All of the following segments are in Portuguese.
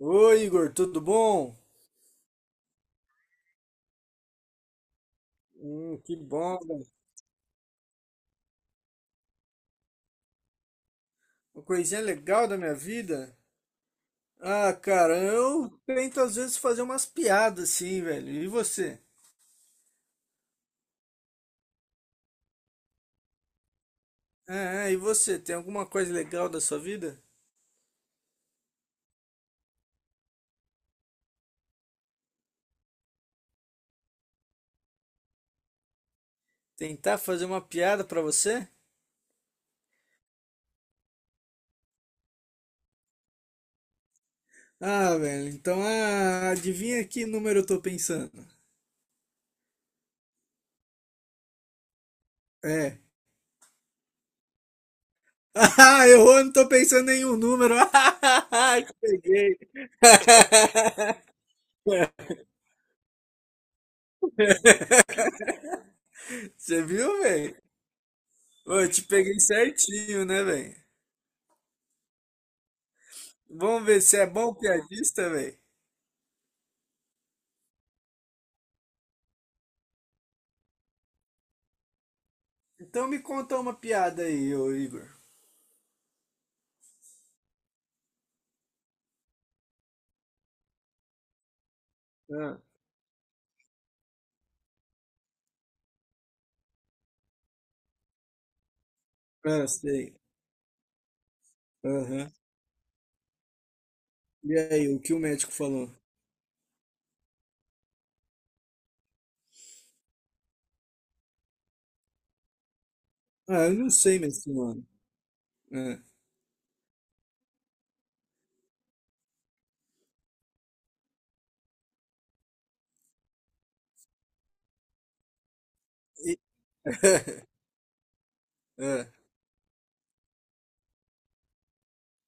Oi, Igor, tudo bom? Que bom. Uma coisinha legal da minha vida. Ah, cara, eu tento às vezes fazer umas piadas assim, velho. E você? Ah, e você? Tem alguma coisa legal da sua vida? Tentar fazer uma piada pra você? Ah, velho, então ah, adivinha que número eu tô pensando? É. Ah, errou, eu não tô pensando em nenhum número. Ah, peguei. Você viu, velho? Ô, eu te peguei certinho, né, velho? Vamos ver se é bom piadista, velho. Então me conta uma piada aí, ô Igor. Ah, ah, sei. Aham. E aí, o que o médico falou? Ah, eu não sei, minha senhora. Ah. E- ah.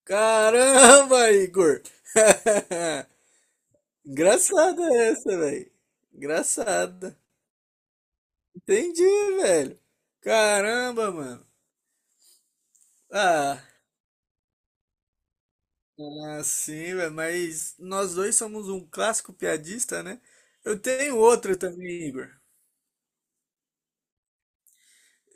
Caramba, Igor! Engraçada essa, velho. Engraçada. Entendi, velho. Caramba, mano. Ah, ah, sim, velho, mas nós dois somos um clássico piadista, né? Eu tenho outro também, Igor.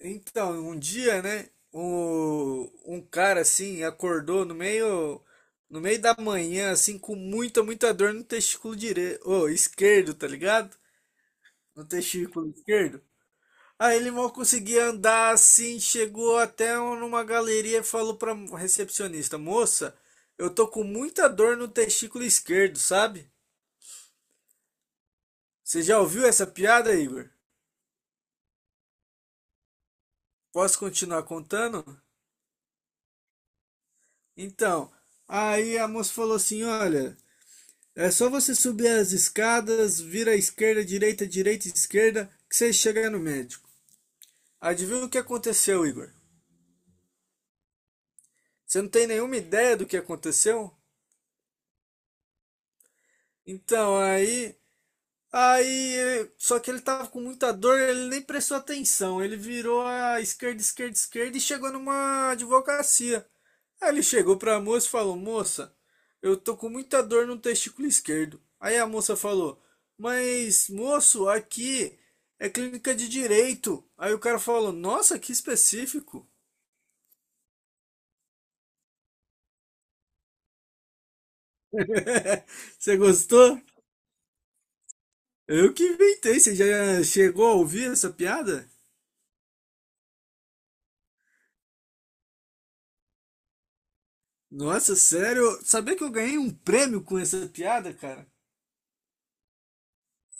Então, um dia, né, um cara assim acordou no meio da manhã assim com muita muita dor no testículo direito, ô, esquerdo, tá ligado? No testículo esquerdo. Aí ele mal conseguia andar assim, chegou até numa galeria e falou pra recepcionista: "Moça, eu tô com muita dor no testículo esquerdo, sabe?" Você já ouviu essa piada, Igor? Posso continuar contando? Então, aí a moça falou assim: Olha, é só você subir as escadas, vira à esquerda, direita, direita, esquerda, que você chega no médico. Adivinha o que aconteceu, Igor? Você não tem nenhuma ideia do que aconteceu? Então, aí. Aí, só que ele tava com muita dor, ele nem prestou atenção. Ele virou a esquerda, esquerda, esquerda e chegou numa advocacia. Aí ele chegou pra moça e falou: Moça, eu tô com muita dor no testículo esquerdo. Aí a moça falou: Mas, moço, aqui é clínica de direito. Aí o cara falou: Nossa, que específico. Você gostou? Eu que inventei. Você já chegou a ouvir essa piada? Nossa, sério? Sabia que eu ganhei um prêmio com essa piada, cara?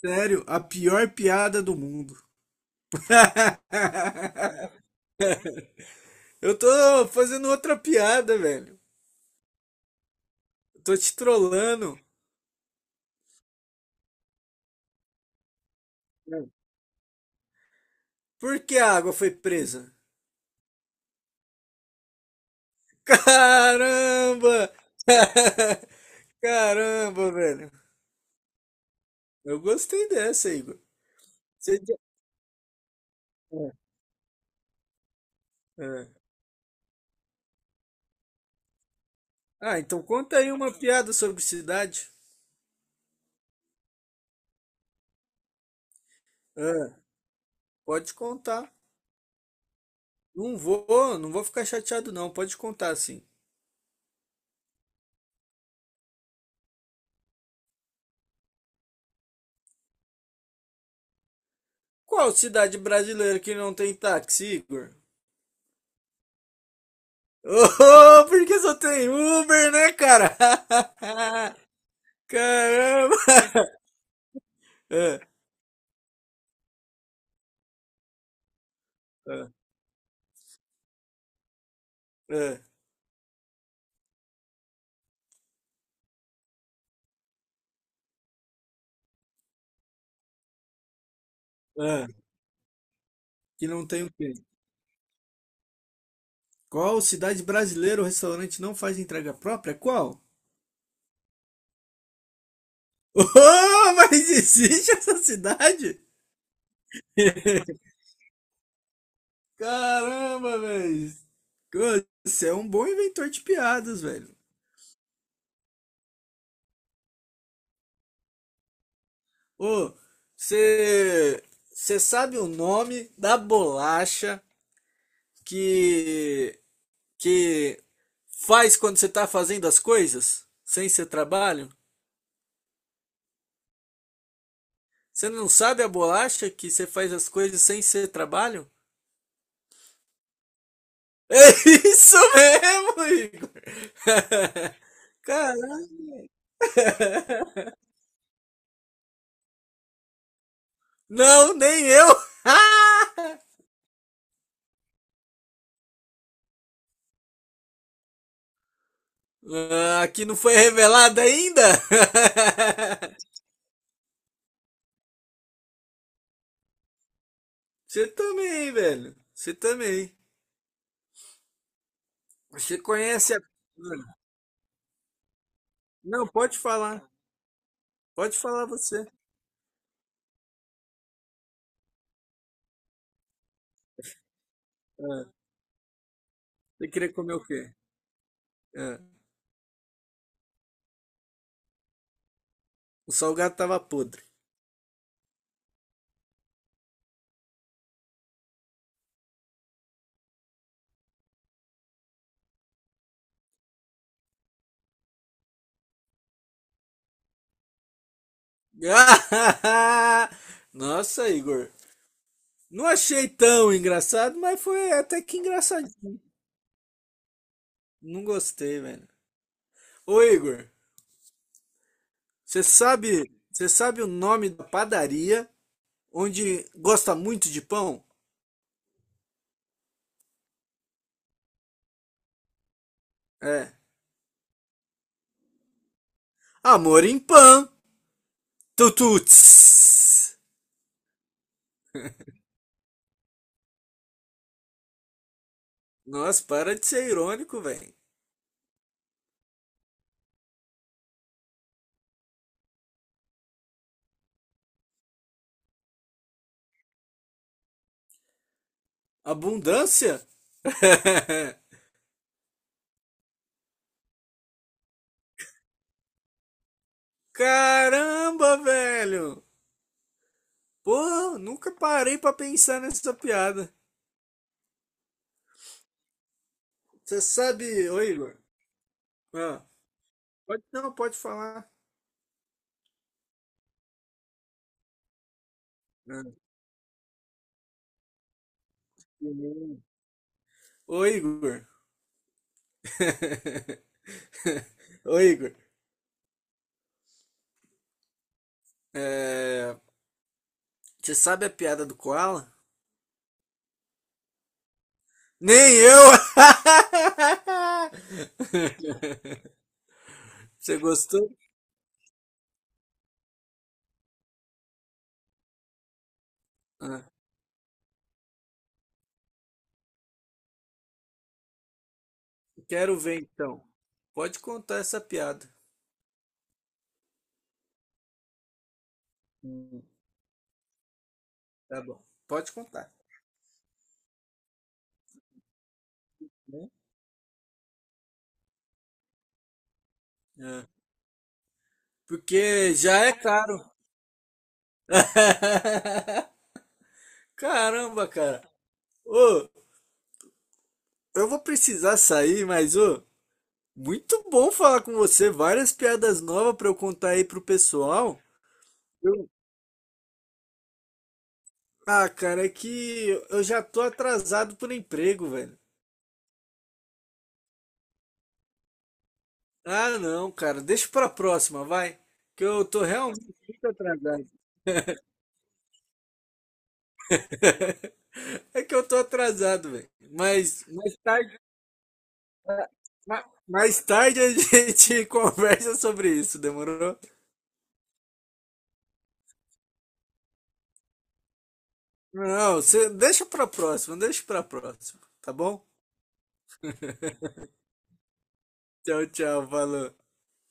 Sério, a pior piada do mundo. Eu tô fazendo outra piada, velho. Eu tô te trollando. Por que a água foi presa? Caramba! Caramba, velho. Eu gostei dessa, Igor. Você já- É. É. Ah, então conta aí uma piada sobre cidade. Ah, pode contar. Não vou, não vou ficar chateado não, pode contar sim. Qual cidade brasileira que não tem táxi, Igor? Oh, porque só tem Uber, né, cara? Caramba! É, é, é, é. Que não tem o quê? Qual cidade brasileira o restaurante não faz entrega própria? Qual? Oh, mas existe essa cidade? Caramba, velho! Você é um bom inventor de piadas, velho. Ô, você você sabe o nome da bolacha que que faz quando você tá fazendo as coisas sem ser trabalho? Você não sabe a bolacha que você faz as coisas sem ser trabalho? É isso mesmo, Igor. Caralho. Não, nem eu. Ah, aqui não foi revelado ainda? Você também, velho. Você também. Você conhece a. Não, pode falar. Pode falar você. É. Você queria comer o quê? É. O salgado tava podre. Nossa, Igor. Não achei tão engraçado, mas foi até que engraçadinho. Não gostei, velho. Ô, Igor, você sabe o nome da padaria onde gosta muito de pão? É. Amor em Pão. Tututs. Nossa, para de ser irônico, velho. Abundância? Caramba, velho! Pô, nunca parei pra pensar nessa piada. Você sabe, ô Igor? Ah, pode, não, pode falar. Ah, sim. Ô Igor. Ô Igor. É, você sabe a piada do Koala? Nem eu! Você gostou? Ah, quero ver então. Pode contar essa piada. Hum, Tá bom. Pode contar. Né? Ah, porque já é caro. Caramba, cara. Ô, eu vou precisar sair, mas ô, muito bom falar com você. Várias piadas novas pra eu contar aí pro pessoal. Eu- Ah, cara, é que eu já tô atrasado por emprego, velho. Ah, não, cara, deixa pra próxima, vai. Que eu tô realmente muito atrasado. É que eu tô atrasado, velho. Mas mais tarde, ah, mais tarde a gente conversa sobre isso, demorou? Não, você deixa pra próxima, tá bom? Tchau, tchau, valeu.